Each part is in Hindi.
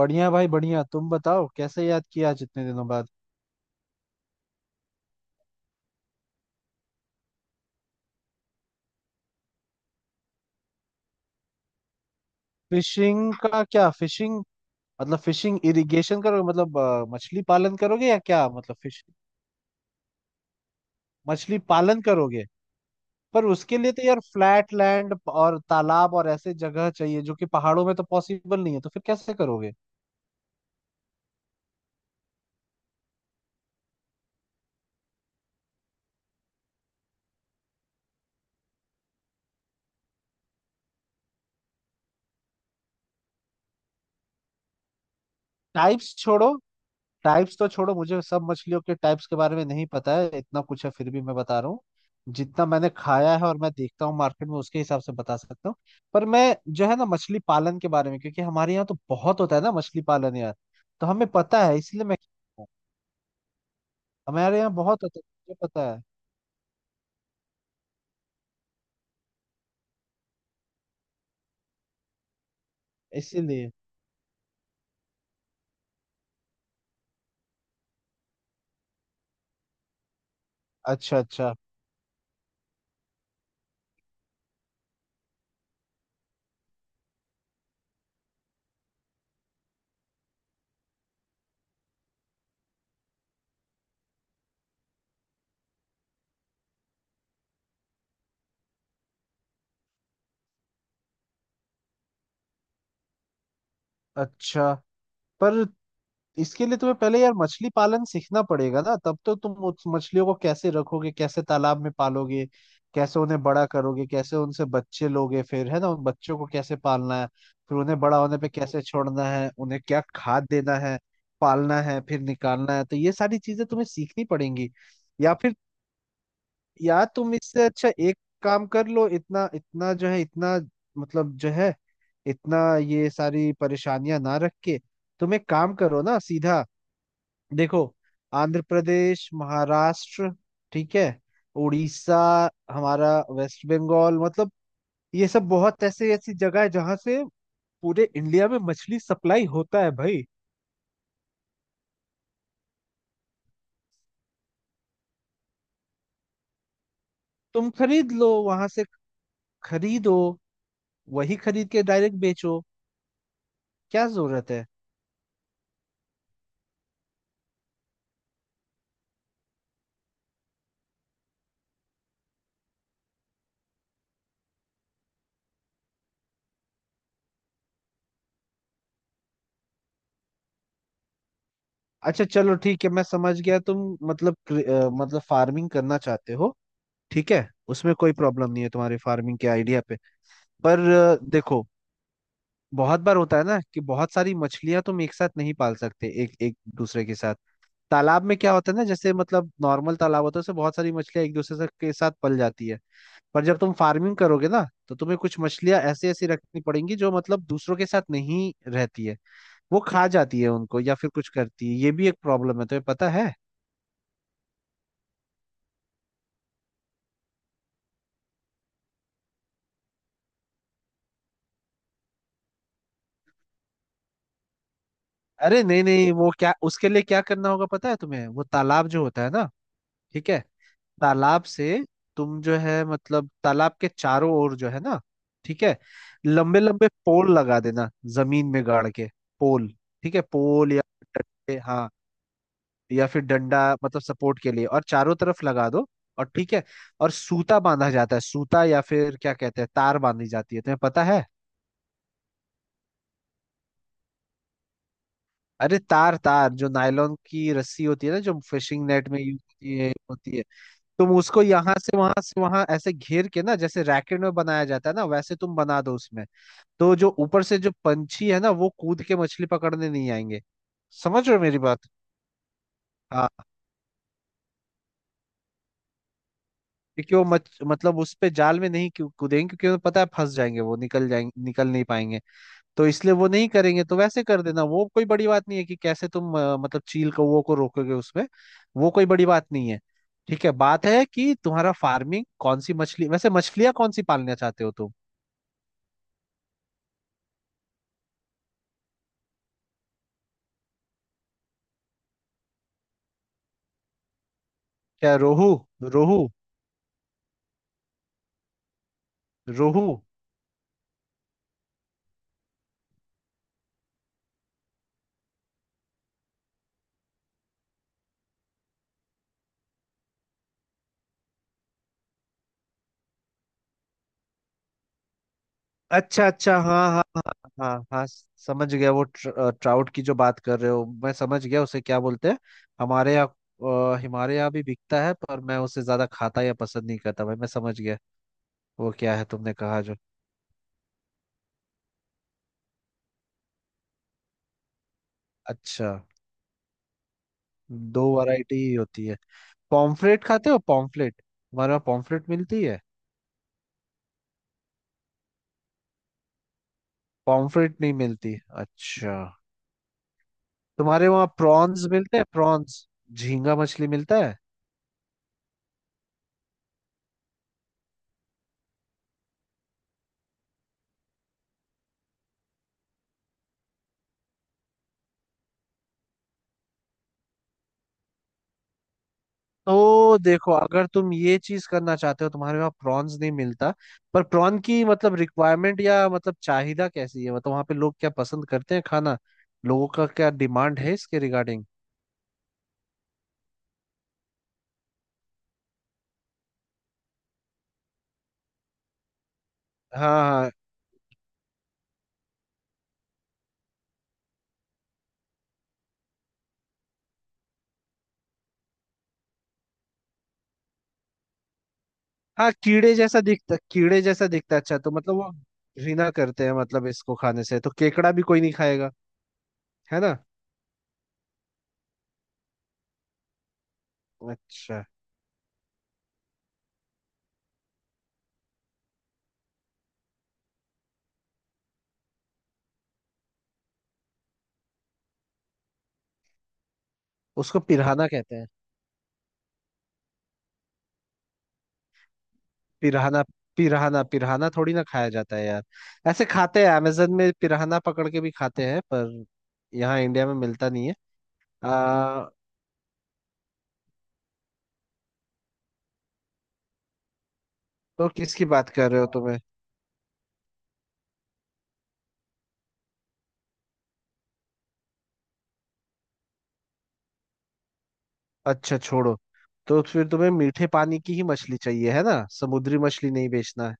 बढ़िया भाई, बढ़िया। तुम बताओ, कैसे याद किया आज इतने दिनों बाद? फिशिंग का क्या? फिशिंग मतलब फिशिंग इरिगेशन करोगे? मतलब मछली पालन करोगे, या क्या मतलब फिश? मछली पालन करोगे? पर उसके लिए तो यार फ्लैट लैंड और तालाब और ऐसे जगह चाहिए, जो कि पहाड़ों में तो पॉसिबल नहीं है। तो फिर कैसे करोगे? टाइप्स छोड़ो। टाइप्स तो छोड़ो, मुझे सब मछलियों के टाइप्स के बारे में नहीं पता है। इतना कुछ है फिर भी मैं बता रहा हूँ। जितना मैंने खाया है और मैं देखता हूँ मार्केट में, उसके हिसाब से बता सकता हूँ। पर मैं जो है ना, मछली पालन के बारे में, क्योंकि हमारे यहाँ तो बहुत होता है ना मछली पालन यार। तो हमें पता है, इसलिए मैं कह रहा हूँ। हमारे यहाँ बहुत होता है। मुझे पता है, इसीलिए। अच्छा, अच्छा अच्छा। पर इसके लिए तुम्हें पहले यार मछली पालन सीखना पड़ेगा ना, तब तो। तुम उस मछलियों को कैसे रखोगे, कैसे तालाब में पालोगे, कैसे उन्हें बड़ा करोगे, कैसे उनसे बच्चे लोगे, फिर है ना उन बच्चों को कैसे पालना है, फिर उन्हें बड़ा होने पे कैसे छोड़ना है, उन्हें क्या खाद देना है, पालना है फिर निकालना है। तो ये सारी चीजें तुम्हें सीखनी पड़ेंगी। या फिर, या तुम इससे अच्छा एक काम कर लो। इतना इतना जो है इतना मतलब जो है इतना ये सारी परेशानियां ना रख के, तुम एक काम करो ना सीधा। देखो, आंध्र प्रदेश, महाराष्ट्र, ठीक है, उड़ीसा, हमारा वेस्ट बंगाल, मतलब ये सब बहुत ऐसे ऐसी जगह है जहां से पूरे इंडिया में मछली सप्लाई होता है भाई। तुम खरीद लो वहां से। खरीदो। वही खरीद के डायरेक्ट बेचो। क्या जरूरत है? अच्छा चलो ठीक है, मैं समझ गया। तुम मतलब मतलब फार्मिंग करना चाहते हो। ठीक है, उसमें कोई प्रॉब्लम नहीं है तुम्हारे फार्मिंग के आइडिया पे। पर देखो, बहुत बार होता है ना कि बहुत सारी मछलियां तुम एक साथ नहीं पाल सकते एक एक दूसरे के साथ। तालाब में क्या होता है ना, जैसे मतलब नॉर्मल तालाब होता है, उसमें बहुत सारी मछलियां एक दूसरे से के साथ पल जाती है। पर जब तुम फार्मिंग करोगे ना, तो तुम्हें कुछ मछलियां ऐसी ऐसी रखनी पड़ेंगी जो मतलब दूसरों के साथ नहीं रहती है। वो खा जाती है उनको या फिर कुछ करती है। ये भी एक प्रॉब्लम है, तुम्हें पता है? अरे नहीं नहीं, वो क्या उसके लिए क्या करना होगा पता है तुम्हें? वो तालाब जो होता है ना, ठीक है, तालाब से, तुम जो है मतलब तालाब के चारों ओर जो है ना, ठीक है, लंबे लंबे पोल लगा देना, जमीन में गाड़ के। पोल, ठीक है, पोल या डंडे, हाँ, या फिर डंडा मतलब सपोर्ट के लिए, और चारों तरफ लगा दो। और ठीक है, और सूता बांधा जाता है, सूता या फिर क्या कहते हैं, तार बांधी जाती है, तुम्हें पता है? अरे तार, तार जो नायलॉन की रस्सी होती है ना, जो फिशिंग नेट में यूज होती है होती है। तुम उसको यहाँ से वहां ऐसे घेर के ना, जैसे रैकेट में बनाया जाता है ना, वैसे तुम बना दो उसमें। तो जो ऊपर से जो पंछी है ना, वो कूद के मछली पकड़ने नहीं आएंगे। समझ रहे हो मेरी बात? हाँ। क्योंकि वो मतलब उस पे जाल में नहीं क्यों कूदेंगे, क्योंकि उन्हें पता है फंस जाएंगे, वो निकल जाएंगे, निकल नहीं पाएंगे। तो इसलिए वो नहीं करेंगे। तो वैसे कर देना, वो कोई बड़ी बात नहीं है कि कैसे तुम मतलब चील कौओं को रोकोगे उसमें। वो कोई बड़ी बात नहीं है। ठीक है, बात है कि तुम्हारा फार्मिंग कौन सी मछली, वैसे मछलियाँ कौन सी पालना चाहते हो तुम? क्या, रोहू? रोहू? रोहू? अच्छा अच्छा, हाँ हाँ हाँ हाँ हाँ, समझ गया। वो ट्राउट की जो बात कर रहे हो, मैं समझ गया। उसे क्या बोलते हैं हमारे यहाँ। हमारे यहाँ भी बिकता है पर मैं उसे ज्यादा खाता या पसंद नहीं करता भाई। मैं समझ गया। वो क्या है तुमने कहा जो? अच्छा, दो वैरायटी ही होती है। पॉम्फ्रेट खाते हो, पॉम्फ्रेट? हमारे वहाँ पॉम्फ्रेट मिलती है। पॉम्फ्रेट नहीं मिलती? अच्छा। तुम्हारे वहाँ प्रॉन्स मिलते हैं, प्रॉन्स? झींगा मछली मिलता है? तो देखो अगर तुम ये चीज करना चाहते हो, तुम्हारे वहाँ प्रॉन्स नहीं मिलता, पर प्रॉन की मतलब रिक्वायरमेंट या मतलब चाহিदा कैसी है, मतलब वहाँ पे लोग क्या पसंद करते हैं खाना, लोगों का क्या डिमांड है इसके रिगार्डिंग? हाँ हाँ, हाँ कीड़े जैसा दिखता, कीड़े जैसा दिखता है, अच्छा तो मतलब वो घृणा करते हैं मतलब इसको खाने से। तो केकड़ा भी कोई नहीं खाएगा, है ना? अच्छा, उसको पिराना कहते हैं। पिराहना, पिराहना। पिराहना थोड़ी ना खाया जाता है यार। ऐसे खाते हैं, अमेजन में पिराहना पकड़ के भी खाते हैं, पर यहाँ इंडिया में मिलता नहीं है। आ, तो किसकी बात कर रहे हो तुम्हें? अच्छा छोड़ो। तो फिर तुम्हें मीठे पानी की ही मछली चाहिए, है ना? समुद्री मछली नहीं बेचना है?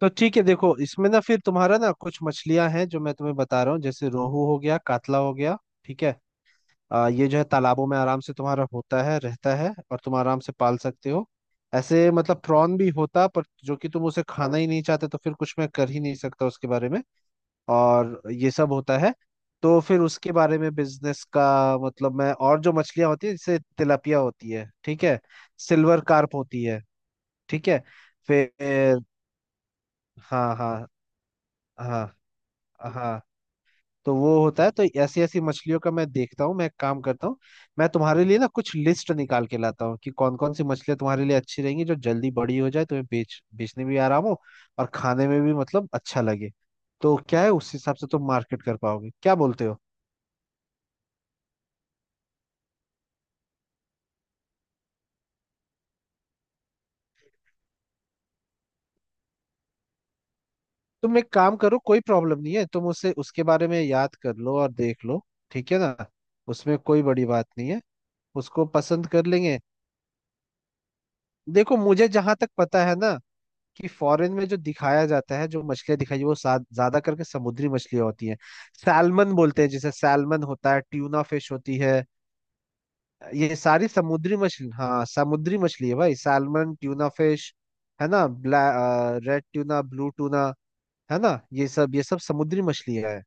तो ठीक है देखो, इसमें ना फिर तुम्हारा ना कुछ मछलियां हैं जो मैं तुम्हें बता रहा हूँ, जैसे रोहू हो गया, कातला हो गया, ठीक है। ये जो है तालाबों में आराम से तुम्हारा होता है रहता है, और तुम आराम से पाल सकते हो। ऐसे मतलब प्रॉन भी होता पर जो कि तुम उसे खाना ही नहीं चाहते, तो फिर कुछ मैं कर ही नहीं सकता उसके बारे में। और ये सब होता है, तो फिर उसके बारे में बिजनेस का मतलब मैं। और जो मछलियां होती है जैसे तिलापिया होती है, ठीक है, सिल्वर कार्प होती है, ठीक है, फिर। हाँ हाँ हाँ हाँ, तो वो होता है। तो ऐसी ऐसी मछलियों का मैं देखता हूँ, मैं एक काम करता हूँ, मैं तुम्हारे लिए ना कुछ लिस्ट निकाल के लाता हूँ कि कौन कौन सी मछलियाँ तुम्हारे लिए अच्छी रहेंगी, जो जल्दी बड़ी हो जाए, तुम्हें बेच बेचने में भी आराम हो, और खाने में भी मतलब अच्छा लगे। तो क्या है, उस हिसाब से तुम मार्केट कर पाओगे, क्या बोलते हो? तुम एक काम करो, कोई प्रॉब्लम नहीं है, तुम उसे, उसके बारे में याद कर लो और देख लो, ठीक है ना? उसमें कोई बड़ी बात नहीं है, उसको पसंद कर लेंगे। देखो मुझे जहां तक पता है ना, कि फॉरेन में जो दिखाया जाता है, जो मछलियां दिखाई वो ज्यादा करके समुद्री मछलियां होती हैं। सैलमन बोलते हैं जिसे, सैलमन होता है, ट्यूना फिश होती है। ये सारी समुद्री मछली, हाँ समुद्री मछली है भाई, सैलमन, ट्यूना फिश, है ना, ब्लै रेड ट्यूना, ब्लू ट्यूना, है ना, ये सब, ये सब समुद्री मछलियां है।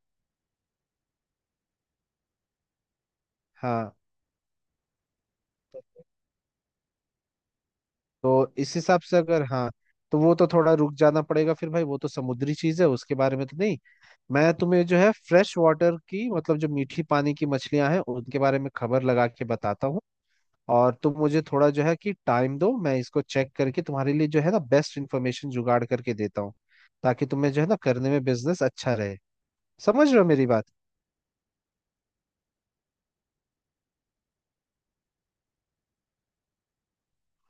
हाँ, तो इस हिसाब से अगर, हाँ, तो वो तो थोड़ा रुक जाना पड़ेगा फिर भाई, वो तो समुद्री चीज है, उसके बारे में तो नहीं। मैं तुम्हें जो है फ्रेश वाटर की मतलब जो मीठी पानी की मछलियां हैं, उनके बारे में खबर लगा के बताता हूँ। और तुम मुझे थोड़ा जो है कि टाइम दो, मैं इसको चेक करके तुम्हारे लिए जो है ना बेस्ट इन्फॉर्मेशन जुगाड़ करके देता हूँ, ताकि तुम्हें जो है ना करने में बिजनेस अच्छा रहे। समझ रहे हो मेरी बात?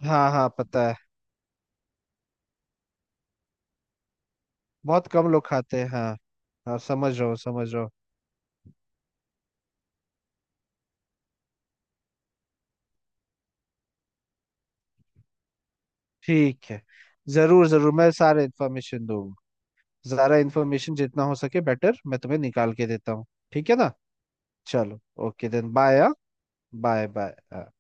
हाँ हाँ, पता है, बहुत कम लोग खाते हैं हाँ। हाँ समझ रहा हूँ, समझ रहा हूँ। ठीक है, जरूर जरूर, मैं सारे इन्फॉर्मेशन दूंगा। ज़्यादा इन्फॉर्मेशन जितना हो सके बेटर, मैं तुम्हें निकाल के देता हूँ। ठीक है ना? चलो, okay then, bye. Bye bye.